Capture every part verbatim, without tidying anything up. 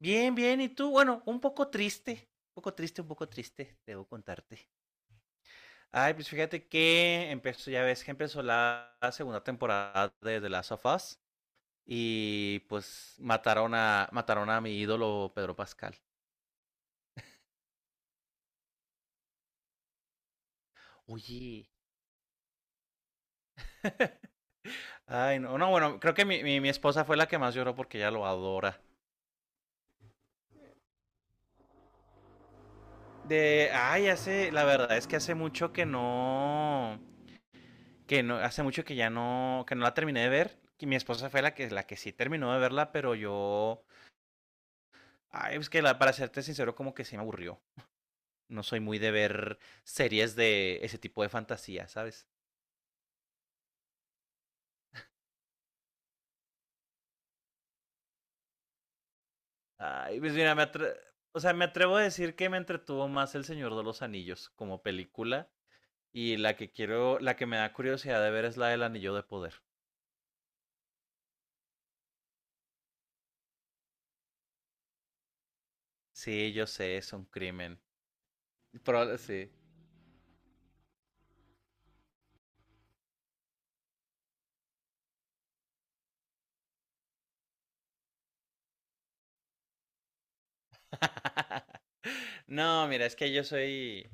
Bien, bien, ¿y tú? Bueno, un poco triste, un poco triste, un poco triste, debo contarte. Ay, pues fíjate que empezó, ya ves que empezó la segunda temporada de The Last of Us y pues mataron a, mataron a mi ídolo Pedro Pascal. Oye, ay, no, no, bueno, creo que mi, mi, mi esposa fue la que más lloró porque ella lo adora. De, ay, hace, la verdad es que hace mucho que no, que no, hace mucho que ya no, que no la terminé de ver. Y mi esposa fue la que, la que sí terminó de verla, pero yo. Ay, es que la- para serte sincero, como que se me aburrió. No soy muy de ver series de ese tipo de fantasía, ¿sabes? Ay, pues mira, me atre- o sea, me atrevo a decir que me entretuvo más El Señor de los Anillos como película. Y la que quiero, la que me da curiosidad de ver es la del Anillo de Poder. Sí, yo sé, es un crimen. Pero, sí. No, mira, es que yo soy.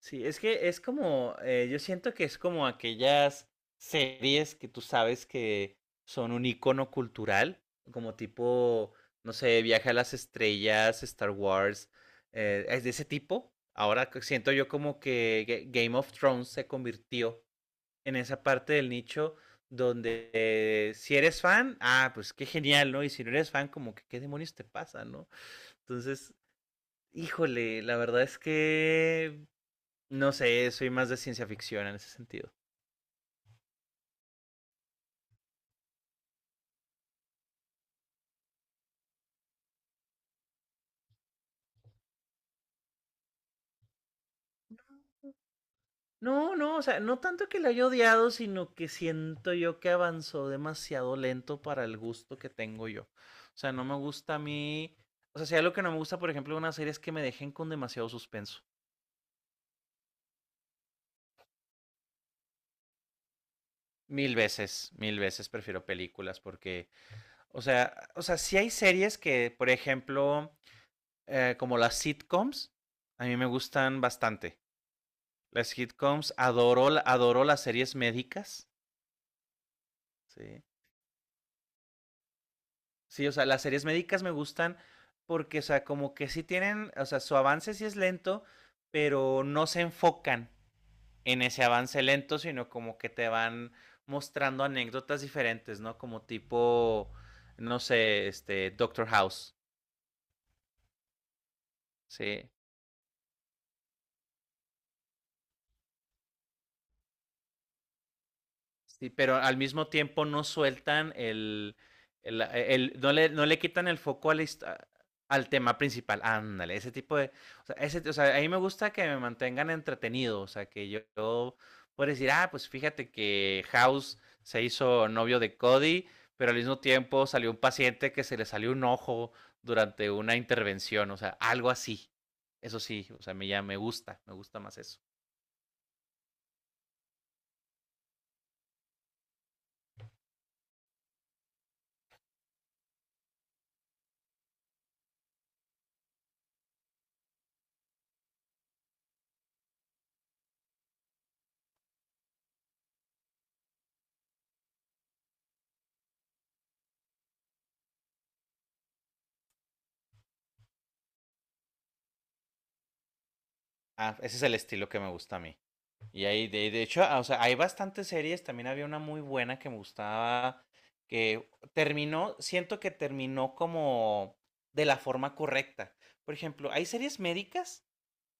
Sí, es que es como, eh, yo siento que es como aquellas series que tú sabes que son un icono cultural, como tipo, no sé, Viaje a las Estrellas, Star Wars, eh, es de ese tipo. Ahora que siento yo como que Ga- Game of Thrones se convirtió en esa parte del nicho donde eh, si eres fan, ah, pues qué genial, ¿no? Y si no eres fan, como que qué demonios te pasa, ¿no? Entonces, híjole, la verdad es que no sé, soy más de ciencia ficción en ese sentido. No, no, o sea, no tanto que la haya odiado, sino que siento yo que avanzó demasiado lento para el gusto que tengo yo. O sea, no me gusta a mí. O sea, si algo que no me gusta, por ejemplo, de una serie es que me dejen con demasiado suspenso. Mil veces, mil veces prefiero películas porque, o sea, o sea, sí hay series que, por ejemplo, eh, como las sitcoms, a mí me gustan bastante. Las sitcoms, adoro, adoro las series médicas, ¿sí? Sí, o sea, las series médicas me gustan porque, o sea, como que sí tienen, o sea, su avance sí es lento, pero no se enfocan en ese avance lento, sino como que te van mostrando anécdotas diferentes, ¿no? Como tipo, no sé, este, Doctor House, ¿sí? Sí, pero al mismo tiempo no sueltan el, el- eh, el- no le, no le quitan el foco a la hist- a- al tema principal. Ándale, ese tipo de, o sea, ese, o sea, a mí me gusta que me mantengan entretenido, o sea, que yo, yo pueda decir, ah, pues fíjate que House se hizo novio de Cody, pero al mismo tiempo salió un paciente que se le salió un ojo durante una intervención, o sea, algo así. Eso sí, o sea, me ya me gusta, me gusta más eso. Ah, ese es el estilo que me gusta a mí. Y ahí, de, de hecho, ah, o sea, hay bastantes series. También había una muy buena que me gustaba. Que terminó, siento que terminó como de la forma correcta. Por ejemplo, hay series médicas,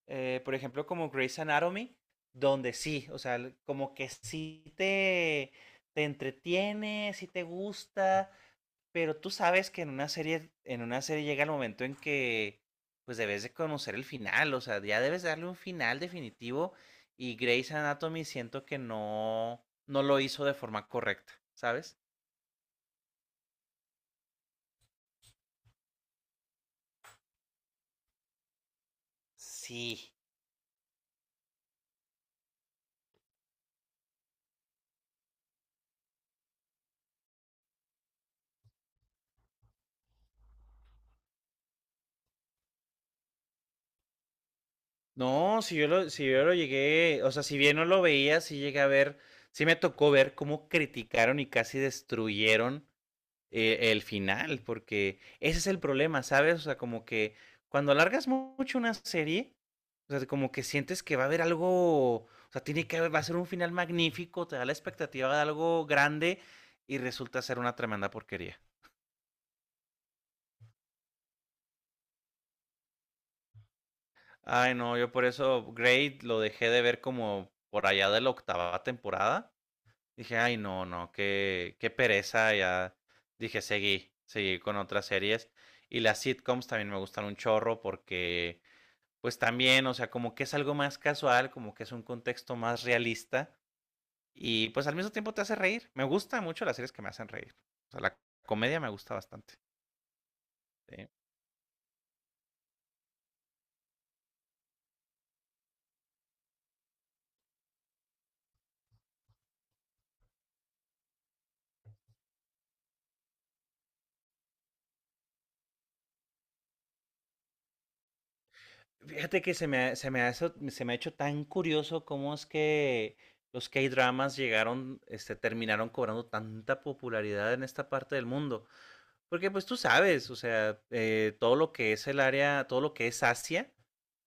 eh, por ejemplo, como Grey's Anatomy, donde sí, o sea, como que sí te, te entretiene, sí te gusta pero tú sabes que en una serie, en una serie llega el momento en que pues debes de conocer el final, o sea, ya debes darle un final definitivo y Grey's Anatomy siento que no, no lo hizo de forma correcta, ¿sabes? Sí. No, si yo lo, si yo lo llegué, o sea, si bien no lo veía, sí llegué a ver, sí me tocó ver cómo criticaron y casi destruyeron eh, el final, porque ese es el problema, ¿sabes? O sea, como que cuando alargas mucho una serie, o sea, como que sientes que va a haber algo, o sea, tiene que haber, va a ser un final magnífico, te da la expectativa de algo grande y resulta ser una tremenda porquería. Ay, no, yo por eso Grey lo dejé de ver como por allá de la octava temporada. Dije, ay, no, no, qué, qué pereza, ya. Dije, seguí, seguí con otras series. Y las sitcoms también me gustan un chorro porque pues también, o sea, como que es algo más casual, como que es un contexto más realista y pues al mismo tiempo te hace reír. Me gustan mucho las series que me hacen reír. O sea, la comedia me gusta bastante. ¿Sí? Fíjate que se me, ha- se, me ha, hecho- se me ha hecho tan curioso cómo es que los K-dramas llegaron, este, terminaron cobrando tanta popularidad en esta parte del mundo. Porque pues tú sabes, o sea, eh, todo lo que es el área, todo lo que es Asia,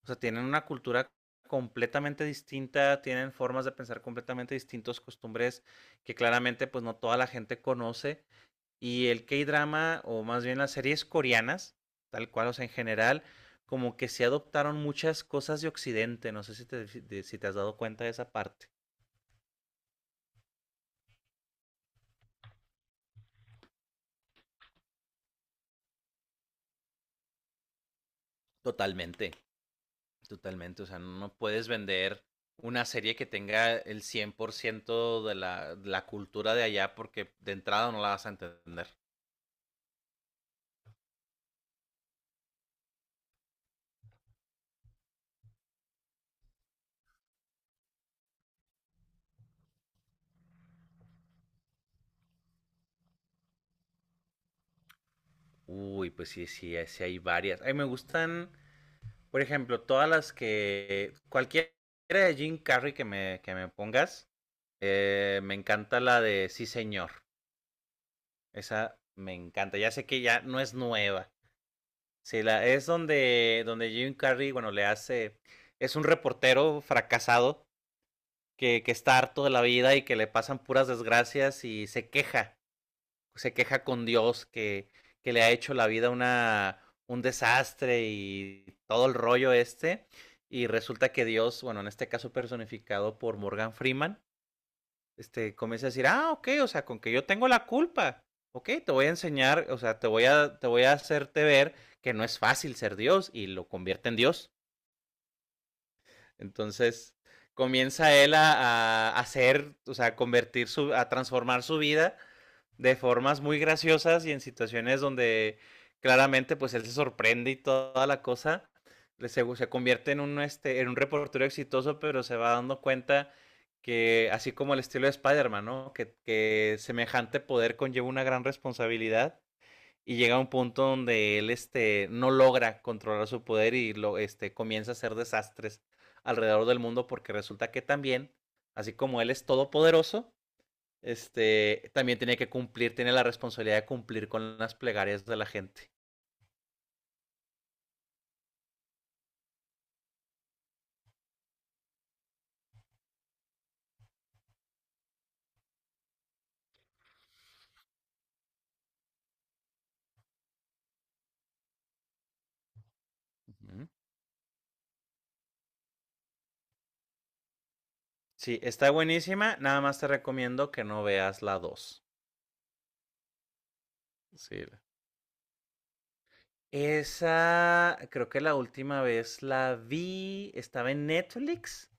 o sea, tienen una cultura completamente distinta, tienen formas de pensar completamente distintos, costumbres que claramente pues no toda la gente conoce. Y el K-drama, o más bien las series coreanas, tal cual, o sea, en general, como que se adoptaron muchas cosas de Occidente. No sé si te, de- si te has dado cuenta de esa parte. Totalmente. Totalmente, o sea, no puedes vender una serie que tenga el cien por ciento de la, de la cultura de allá porque de entrada no la vas a entender. Uy, pues sí, sí, eh, sí hay varias. A mí me gustan, por ejemplo, todas las que... Cualquiera de Jim Carrey que me, que me pongas, eh, me encanta la de Sí, señor. Esa me encanta. Ya sé que ya no es nueva. Sí, la, es donde, donde Jim Carrey, bueno, le hace... Es un reportero fracasado que, que está harto de la vida y que le pasan puras desgracias y se queja, se queja con Dios que, que le ha hecho la vida una, un desastre y todo el rollo este. Y resulta que Dios, bueno, en este caso personificado por Morgan Freeman, este, comienza a decir, ah, ok, o sea, con que yo tengo la culpa, ok, te voy a enseñar, o sea, te voy a, te voy a hacerte ver que no es fácil ser Dios y lo convierte en Dios. Entonces comienza él a, a hacer, o sea, a convertir su, a transformar su vida de formas muy graciosas y en situaciones donde claramente pues él se sorprende y toda la cosa. Se, se convierte en un, este, en un reportero exitoso, pero se va dando cuenta que así como el estilo de Spider-Man, ¿no? Que, que, semejante poder conlleva una gran responsabilidad y llega a un punto donde él este, no logra controlar su poder y lo, este, comienza a hacer desastres alrededor del mundo porque resulta que también, así como él es todopoderoso, este, también tiene que cumplir, tiene la responsabilidad de cumplir con las plegarias de la gente. Ujú. Sí, está buenísima, nada más te recomiendo que no veas la dos. Sí. Esa, creo que la última vez la vi, estaba en Netflix,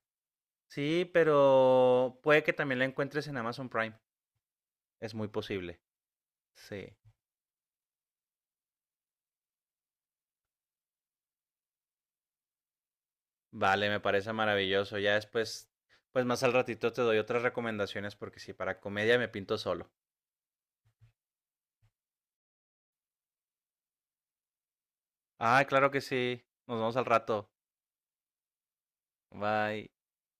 sí, pero puede que también la encuentres en Amazon Prime. Es muy posible. Sí. Vale, me parece maravilloso. Ya después, pues más al ratito te doy otras recomendaciones porque sí, para comedia me pinto solo. Ah, claro que sí. Nos vemos al rato. Bye.